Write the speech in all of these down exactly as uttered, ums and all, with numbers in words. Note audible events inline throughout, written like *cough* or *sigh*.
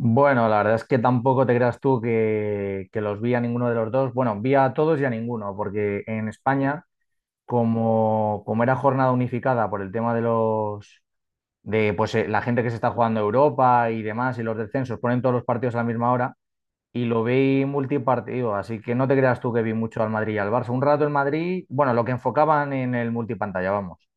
Bueno, la verdad es que tampoco te creas tú que, que los vi a ninguno de los dos. Bueno, vi a todos y a ninguno, porque en España, como, como era jornada unificada por el tema de los de pues eh, la gente que se está jugando Europa y demás, y los descensos, ponen todos los partidos a la misma hora, y lo vi multipartido, así que no te creas tú que vi mucho al Madrid y al Barça. Un rato el Madrid, bueno, lo que enfocaban en el multipantalla, vamos.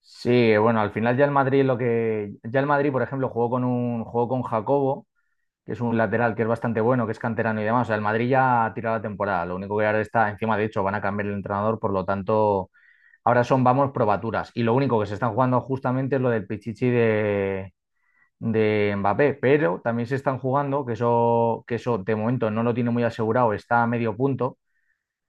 Sí, bueno, al final ya el Madrid lo que. Ya el Madrid, por ejemplo, jugó con un, jugó con Jacobo, que es un lateral que es bastante bueno, que es canterano y demás. O sea, el Madrid ya ha tirado la temporada. Lo único que ahora está encima, de hecho, van a cambiar el entrenador, por lo tanto, ahora son, vamos, probaturas. Y lo único que se están jugando justamente es lo del pichichi de, de Mbappé, pero también se están jugando, que eso, que eso de momento no lo tiene muy asegurado, está a medio punto,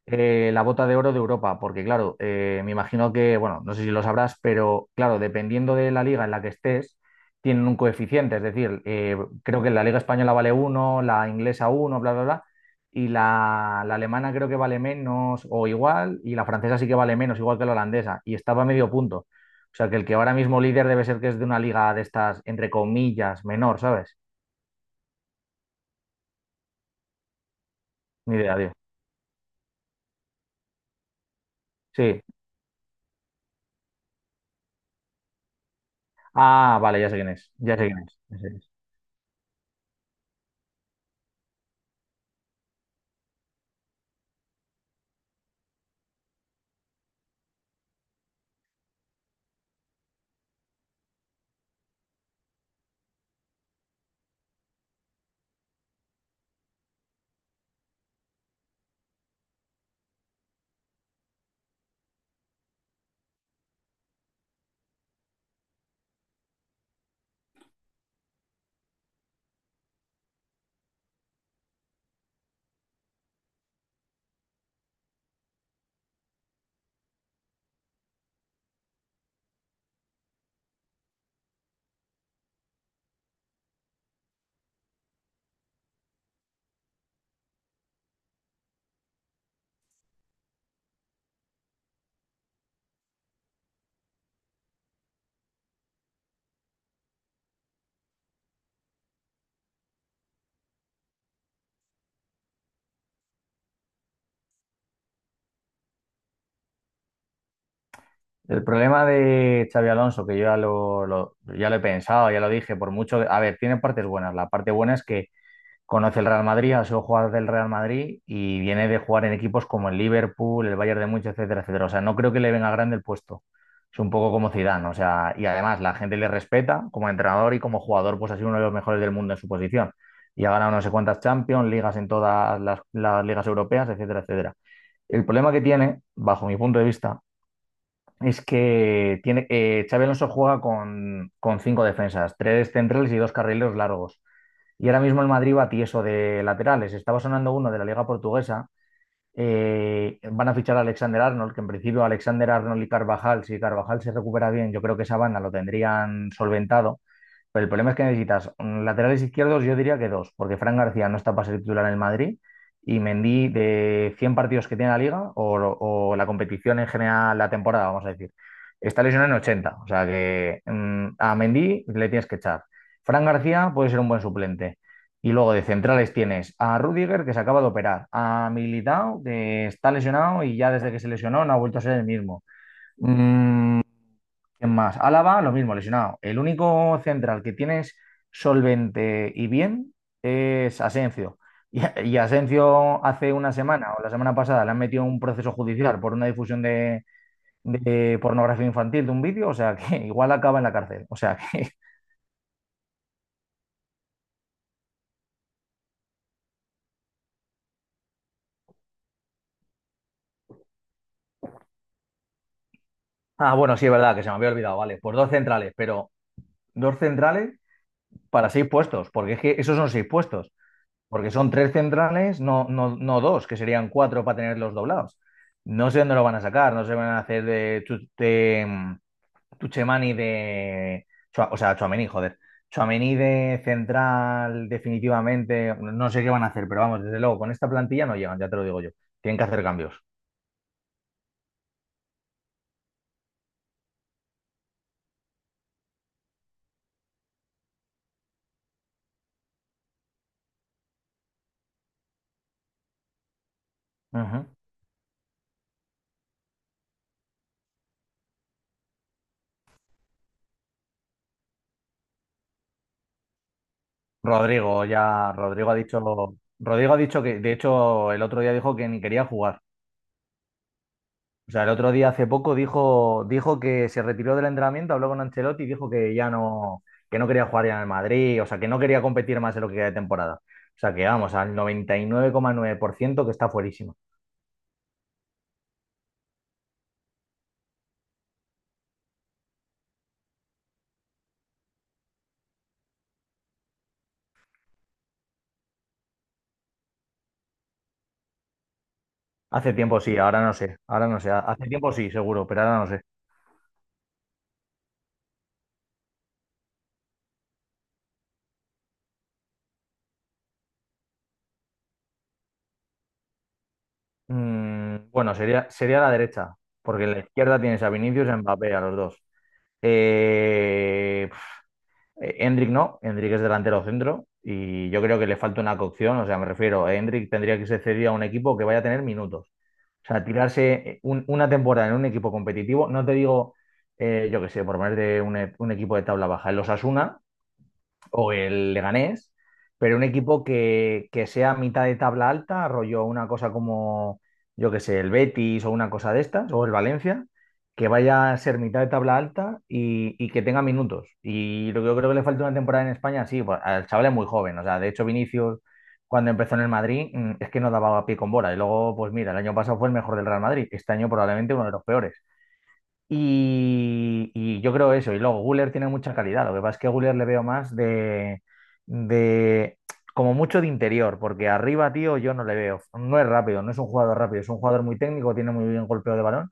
eh, la bota de oro de Europa, porque claro, eh, me imagino que, bueno, no sé si lo sabrás, pero claro, dependiendo de la liga en la que estés, tienen un coeficiente, es decir, eh, creo que la liga española vale uno, la inglesa uno, bla, bla, bla, y la, la alemana creo que vale menos o igual, y la francesa sí que vale menos, igual que la holandesa, y estaba a medio punto. O sea, que el que ahora mismo líder debe ser que es de una liga de estas, entre comillas, menor, ¿sabes? Ni idea, tío. Sí. Ah, vale, ya sé quién es, ya sé quién es. El problema de Xavi Alonso, que yo ya lo, lo- ya lo he pensado, ya lo dije, por mucho... A ver, tiene partes buenas. La parte buena es que conoce el Real Madrid, ha sido jugador del Real Madrid y viene de jugar en equipos como el Liverpool, el Bayern de Múnich, etcétera, etcétera. O sea, no creo que le venga grande el puesto. Es un poco como Zidane, o sea, y además la gente le respeta como entrenador y como jugador, pues ha sido uno de los mejores del mundo en su posición. Y ha ganado no sé cuántas Champions, ligas en todas las las ligas europeas, etcétera, etcétera. El problema que tiene, bajo mi punto de vista, es que tiene, eh, Xabi Alonso juega con, con cinco defensas, tres centrales y dos carrileros largos. Y ahora mismo el Madrid va tieso de laterales. Estaba sonando uno de la Liga Portuguesa. Eh, van a fichar a Alexander Arnold, que en principio Alexander Arnold y Carvajal, si Carvajal se recupera bien, yo creo que esa banda lo tendrían solventado. Pero el problema es que necesitas mm, laterales izquierdos, yo diría que dos, porque Fran García no está para ser titular en el Madrid y Mendy de cien partidos que tiene la liga o, o la competición en general, la temporada, vamos a decir, está lesionado en ochenta. O sea que mm, a Mendy le tienes que echar. Fran García puede ser un buen suplente. Y luego de centrales tienes a Rudiger, que se acaba de operar, a Militao, que está lesionado y ya desde que se lesionó no ha vuelto a ser el mismo. Mm, ¿Quién más? Álava, lo mismo, lesionado. El único central que tienes solvente y bien es Asencio. *laughs* Y, y Asencio hace una semana o la semana pasada le han metido un proceso judicial por una difusión de, de pornografía infantil de un vídeo, o sea que *laughs* igual acaba en la cárcel. O sea que. *laughs* Ah, bueno, sí, es verdad que se me había olvidado, vale. Pues dos centrales, pero dos centrales para seis puestos, porque es que esos son seis puestos. Porque son tres centrales, no, no, no dos, que serían cuatro para tenerlos doblados. No sé dónde lo van a sacar, no se van a hacer de, tu- de mm, Tuchemani de. Chua- O sea, Tchouaméni, joder. Tchouaméni de central, definitivamente. No sé qué van a hacer, pero vamos, desde luego, con esta plantilla no llegan, ya te lo digo yo. Tienen que hacer cambios. Ujú. Rodrigo ya, Rodrigo ha dicho, Rodrigo ha dicho que, de hecho, el otro día dijo que ni quería jugar. O sea, el otro día hace poco dijo, dijo que se retiró del entrenamiento, habló con Ancelotti y dijo que ya no, que no quería jugar ya en el Madrid, o sea, que no quería competir más en lo que queda de temporada. O sea, que vamos, al noventa y nueve nueve coma nueve por ciento que está fuerísimo. Hace tiempo sí, ahora no sé, ahora no sé. Hace tiempo sí, seguro, pero ahora no sé. Mm, bueno, sería, sería la derecha, porque en la izquierda tienes a Vinicius y a Mbappé, a los dos. Eh, Eh, Hendrik no, Endrick es delantero centro y yo creo que le falta una cocción, o sea, me refiero, Endrick tendría que ser cedido a un equipo que vaya a tener minutos. O sea, tirarse eh, un- una temporada en un equipo competitivo, no te digo, eh, yo qué sé, por ponerte un, e- un equipo de tabla baja, el Osasuna, o el Leganés, pero un equipo que, que sea mitad de tabla alta, rollo una cosa como, yo qué sé, el Betis o una cosa de estas, o el Valencia, que vaya a ser mitad de tabla alta y, y que tenga minutos. Y lo que yo creo que le falta una temporada en España, sí, pues, al chaval es muy joven, o sea, de hecho Vinicius cuando empezó en el Madrid mm, es que no daba pie con bola y luego, pues mira, el año pasado fue el mejor del Real Madrid, este año probablemente uno de los peores. Y, y yo creo eso. Y luego Guller tiene mucha calidad. Lo que pasa es que a Guller le veo más de, de como mucho de interior, porque arriba, tío, yo no le veo. No es rápido, no es un jugador rápido, es un jugador muy técnico, tiene muy bien golpeo de balón,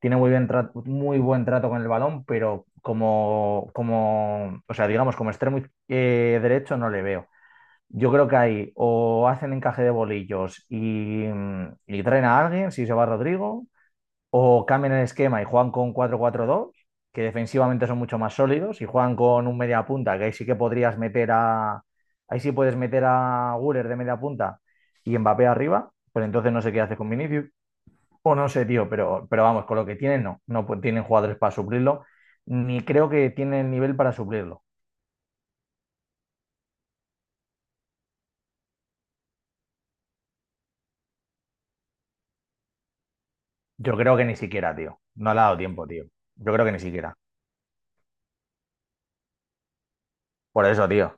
tiene muy bien tra- muy buen trato con el balón, pero como, como, o sea, digamos, como extremo eh, derecho no le veo. Yo creo que ahí o hacen encaje de bolillos y, mm, y traen a alguien, si se va Rodrigo, o cambian el esquema y juegan con cuatro cuatro dos que defensivamente son mucho más sólidos, y juegan con un media punta, que ahí sí que podrías meter a. Ahí sí puedes meter a Guller de media punta y Mbappé arriba, pues entonces no sé qué hace con Vinicius. O no sé, tío, pero, pero vamos, con lo que tienen, no. No pu- tienen jugadores para suplirlo, ni creo que tienen nivel para suplirlo. Yo creo que ni siquiera, tío. No le ha dado tiempo, tío. Yo creo que ni siquiera. Por eso, tío.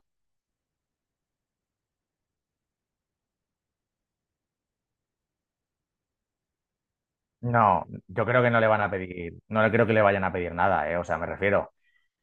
No, yo creo que no le van a pedir, no le creo que le vayan a pedir nada, eh. O sea, me refiero.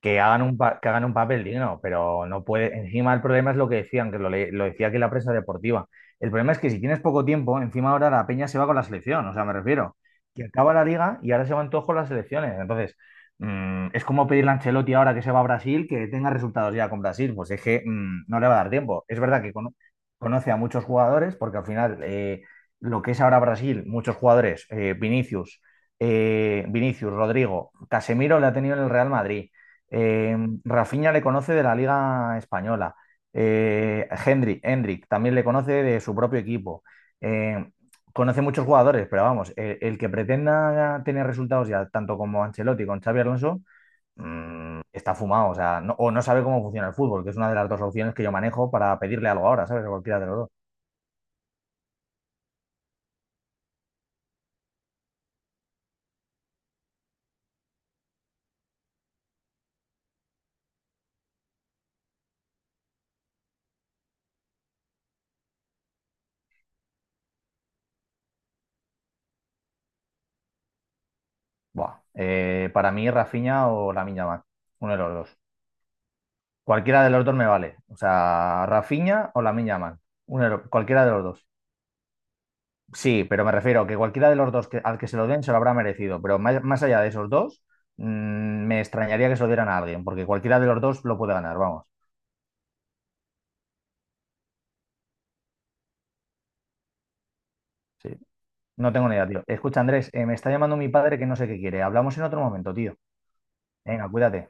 que hagan un, pa- que hagan un papel digno, pero no puede. Encima el problema es lo que decían, que lo, le- lo decía aquí la prensa deportiva. El problema es que si tienes poco tiempo, encima ahora la peña se va con la selección, o sea, me refiero, que acaba la liga y ahora se van todos con las selecciones. Entonces, mm, es como pedirle a Ancelotti ahora que se va a Brasil que tenga resultados ya con Brasil, pues es que mm, no le va a dar tiempo. Es verdad que cono- conoce a muchos jugadores, porque al final eh, lo que es ahora Brasil, muchos jugadores, eh, Vinicius. eh, Vinicius, Rodrigo, Casemiro le ha tenido en el Real Madrid. Eh, Rafinha le conoce de la Liga Española. Eh, Hendrik, Hendrik también le conoce de su propio equipo. Eh, Conoce muchos jugadores, pero vamos, eh, el que pretenda tener resultados ya, tanto como Ancelotti, con Xavi Alonso, mm, está fumado. O sea, no, o no sabe cómo funciona el fútbol, que es una de las dos opciones que yo manejo para pedirle algo ahora, ¿sabes? A cualquiera de los dos. Buah, eh, para mí, Rafinha o la Yamal, uno de los dos. Cualquiera de los dos me vale. O sea, Rafinha o la Yamal, uno de los- cualquiera de los dos. Sí, pero me refiero a que cualquiera de los dos que- al que se lo den se lo habrá merecido. Pero más, más allá de esos dos, mm, me extrañaría que se lo dieran a alguien, porque cualquiera de los dos lo puede ganar, vamos. Sí. No tengo ni idea, tío. Escucha, Andrés, eh, me está llamando mi padre que no sé qué quiere. Hablamos en otro momento, tío. Venga, cuídate.